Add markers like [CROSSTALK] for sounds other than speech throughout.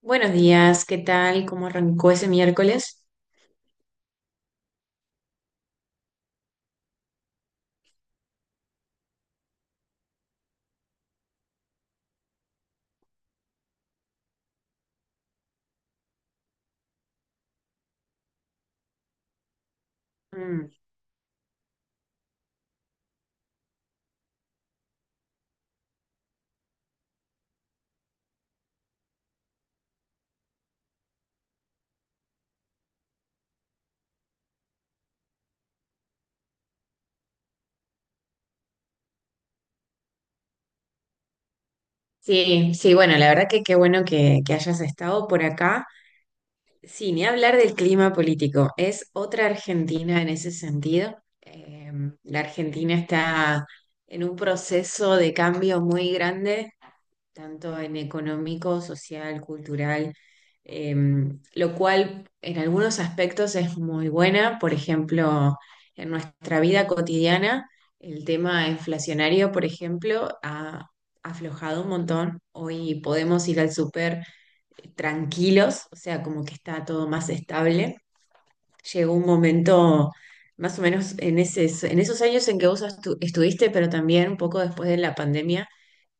Buenos días, ¿qué tal? ¿Cómo arrancó ese miércoles? Mm, sí, sí, bueno, la verdad que qué bueno que hayas estado por acá. Sí, ni hablar del clima político, es otra Argentina en ese sentido. Eh, la Argentina está en un proceso de cambio muy grande tanto en económico, social, cultural, eh, lo cual en algunos aspectos es muy buena. Por ejemplo, en nuestra vida cotidiana, el tema inflacionario, por ejemplo, ha aflojado un montón. Hoy podemos ir al súper tranquilos, o sea, como que está todo más estable. Llegó un momento. Más o menos en ese, en esos años en que vos estuviste, pero también un poco después de la pandemia,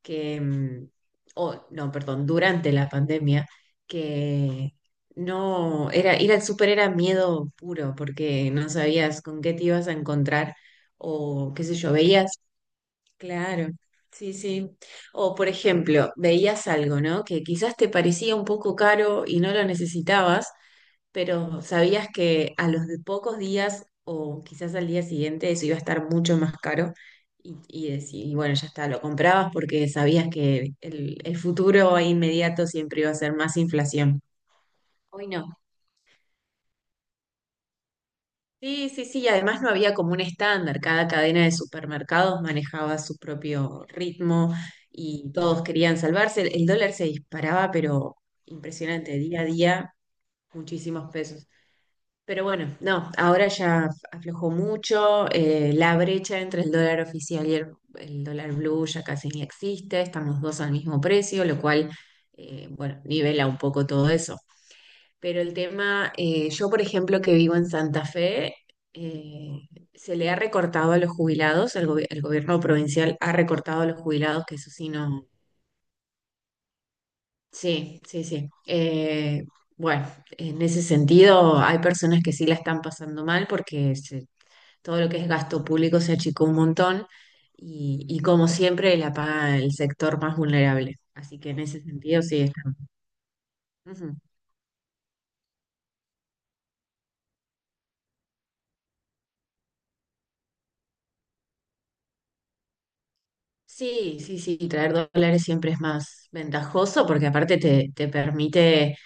que, o no, perdón, durante la pandemia, que no, era, ir al súper era miedo puro, porque no sabías con qué te ibas a encontrar, o qué sé yo, veías, claro, sí, sí. O por ejemplo, veías algo, ¿no? Que quizás te parecía un poco caro y no lo necesitabas, pero sabías que a los de pocos días o quizás al día siguiente eso iba a estar mucho más caro y bueno, ya está, lo comprabas porque sabías que el futuro inmediato siempre iba a ser más inflación. Hoy no. Sí, sí, sí, y además no había como un estándar, cada cadena de supermercados manejaba su propio ritmo y todos querían salvarse. El dólar se disparaba, pero impresionante, día a día, muchísimos pesos. Pero bueno, no, ahora ya aflojó mucho, la brecha entre el dólar oficial y el dólar blue ya casi ni existe, están los dos al mismo precio, lo cual, bueno, nivela un poco todo eso. Pero el tema, yo por ejemplo que vivo en Santa Fe, eh, se le ha recortado a los jubilados, el gobierno provincial ha recortado a los jubilados, que eso sí no. Sí, sí, sí. Bueno, en ese sentido hay personas que sí la están pasando mal porque se todo lo que es gasto público se achicó un montón y como siempre la paga el sector más vulnerable. Así que en ese sentido sí está. Ujú. Sí, sí, sí, traer dólares siempre es más ventajoso porque aparte te permite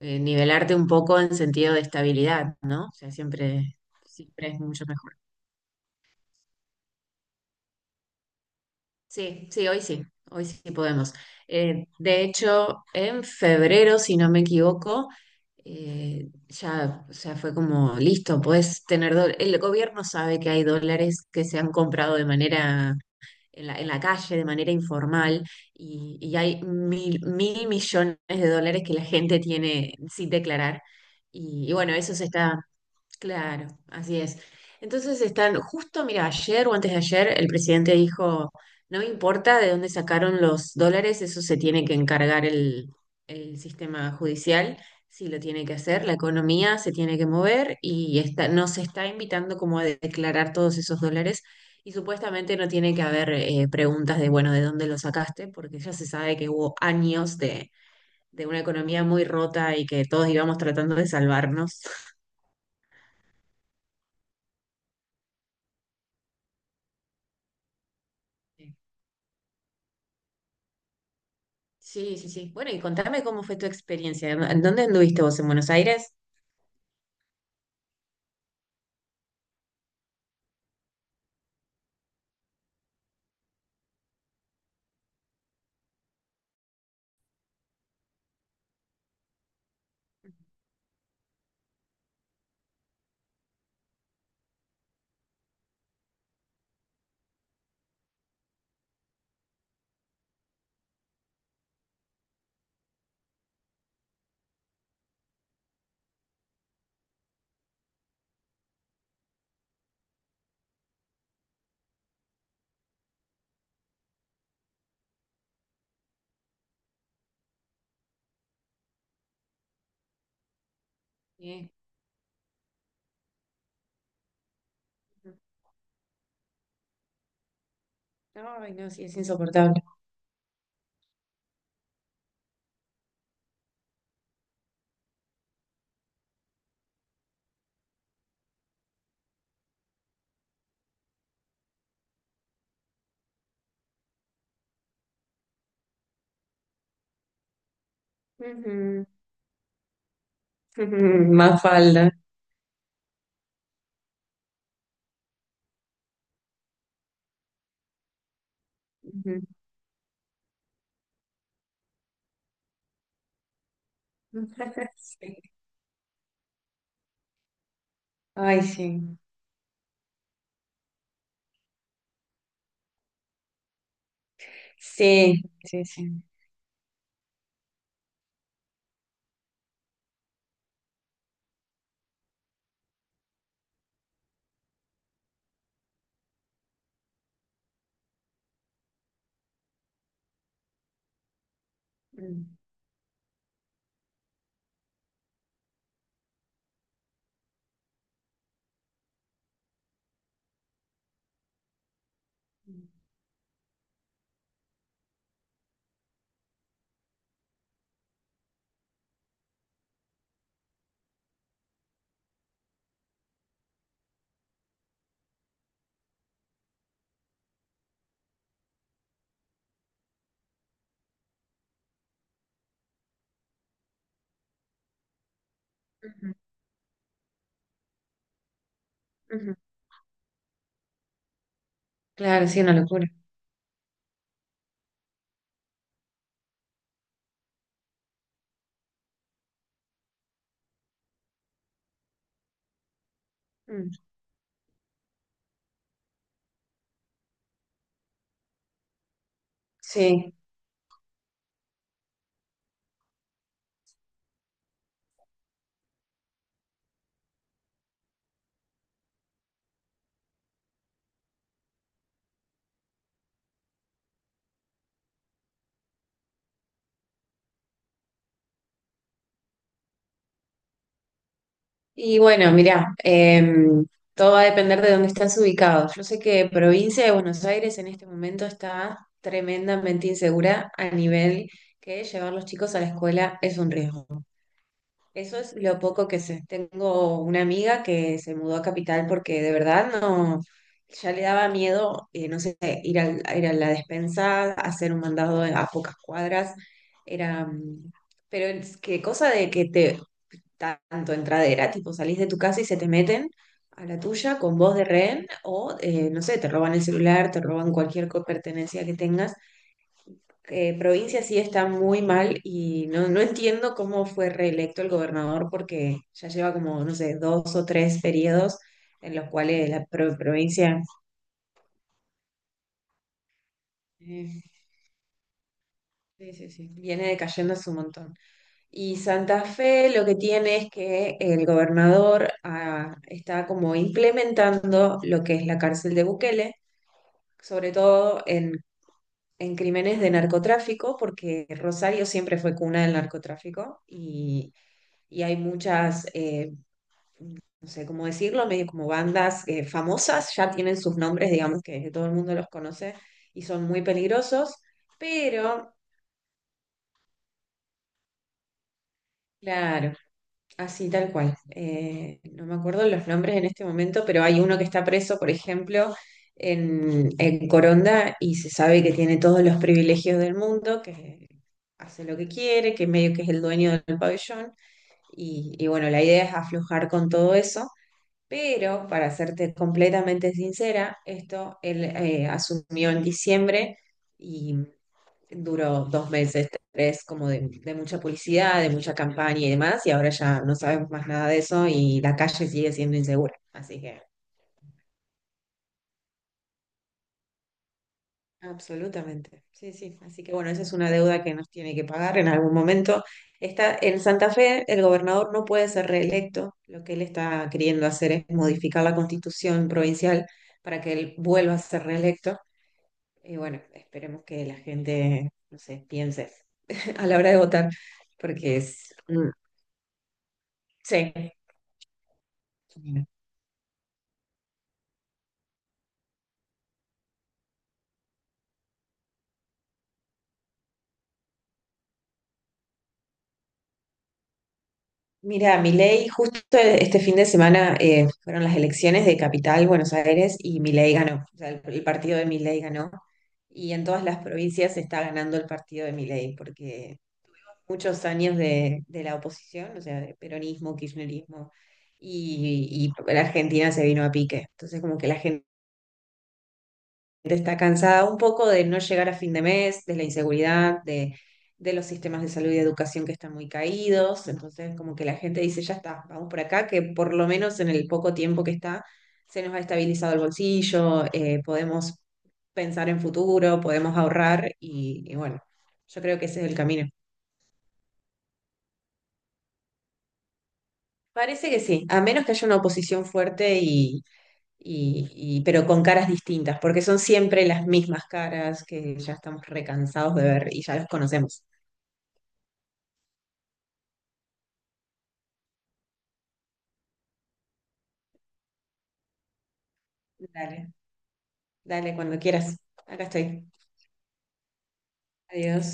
nivelarte un poco en sentido de estabilidad, ¿no? O sea, siempre, siempre es mucho mejor. Sí, sí, hoy sí, hoy sí podemos. De hecho, en febrero, si no me equivoco, ya fue como listo, puedes tener dólares. El gobierno sabe que hay dólares que se han comprado de manera en la calle, de manera informal, y hay mil millones de dólares que la gente tiene sin declarar. Y bueno, eso se está. Claro, así es. Entonces están, justo, mira, ayer o antes de ayer, el presidente dijo, no me importa de dónde sacaron los dólares, eso se tiene que encargar el sistema judicial, sí lo tiene que hacer, la economía se tiene que mover y está, nos está invitando como a declarar todos esos dólares y supuestamente no tiene que haber preguntas de, bueno, ¿de dónde lo sacaste? Porque ya se sabe que hubo años de una economía muy rota y que todos íbamos tratando de salvarnos. Sí, sí, sí. Bueno, y contame cómo fue tu experiencia. ¿En dónde anduviste vos? ¿En Buenos Aires? Sí. Ay, no, sí, es insoportable. Ujú. [LAUGHS] Más falda. Ujú. [LAUGHS] Sí. Ay, sí. Sí, sí, sí. Mm. Ujú, ujú. Claro, sí, una locura. Mm. Sí. Y bueno, mirá, todo va a depender de dónde estás ubicado. Yo sé que provincia de Buenos Aires en este momento está tremendamente insegura a nivel que llevar los chicos a la escuela es un riesgo. Eso es lo poco que sé. Tengo una amiga que se mudó a Capital porque de verdad no, ya le daba miedo, no sé, a ir a la despensa, hacer un mandado a pocas cuadras. Era, pero es que cosa de que te tanto entradera, tipo salís de tu casa y se te meten a la tuya con voz de rehén o, no sé, te roban el celular, te roban cualquier pertenencia que tengas. Provincia sí está muy mal y no, no entiendo cómo fue reelecto el gobernador porque ya lleva como, no sé, dos o tres periodos en los cuales la provincia eh, sí, sí, sí, viene decayendo hace un montón. Y Santa Fe lo que tiene es que el gobernador está como implementando lo que es la cárcel de Bukele, sobre todo en, crímenes de narcotráfico, porque Rosario siempre fue cuna del narcotráfico y hay muchas, no sé cómo decirlo, medio como bandas famosas, ya tienen sus nombres, digamos que todo el mundo los conoce y son muy peligrosos, pero. Claro, así, tal cual. No me acuerdo los nombres en este momento, pero hay uno que está preso, por ejemplo, en Coronda y se sabe que tiene todos los privilegios del mundo, que hace lo que quiere, que medio que es el dueño del pabellón. Y bueno, la idea es aflojar con todo eso. Pero, para serte completamente sincera, esto él asumió en diciembre y duró 2 meses, tres, como de mucha publicidad, de mucha campaña y demás, y ahora ya no sabemos más nada de eso y la calle sigue siendo insegura. Así que. Absolutamente. Sí, sí. Así que bueno, esa es una deuda que nos tiene que pagar en algún momento. Está en Santa Fe, el gobernador no puede ser reelecto. Lo que él está queriendo hacer es modificar la constitución provincial para que él vuelva a ser reelecto. Y bueno, esperemos que la gente, no sé, piense [LAUGHS] a la hora de votar, porque es. Sí. Mira, Milei, justo este fin de semana fueron las elecciones de Capital, Buenos Aires, y Milei ganó. O sea, el partido de Milei ganó. Y en todas las provincias está ganando el partido de Milei, porque muchos años de la oposición, o sea, de peronismo, kirchnerismo, y la Argentina se vino a pique. Entonces, como que la gente está cansada un poco de no llegar a fin de mes, de la inseguridad, de los sistemas de salud y educación que están muy caídos. Entonces, como que la gente dice, ya está, vamos por acá, que por lo menos en el poco tiempo que está, se nos ha estabilizado el bolsillo, podemos pensar en futuro, podemos ahorrar y bueno, yo creo que ese es el camino. Parece que sí, a menos que haya una oposición fuerte pero con caras distintas, porque son siempre las mismas caras que ya estamos recansados de ver y ya los conocemos. Dale, dale, cuando quieras. Acá estoy. Adiós.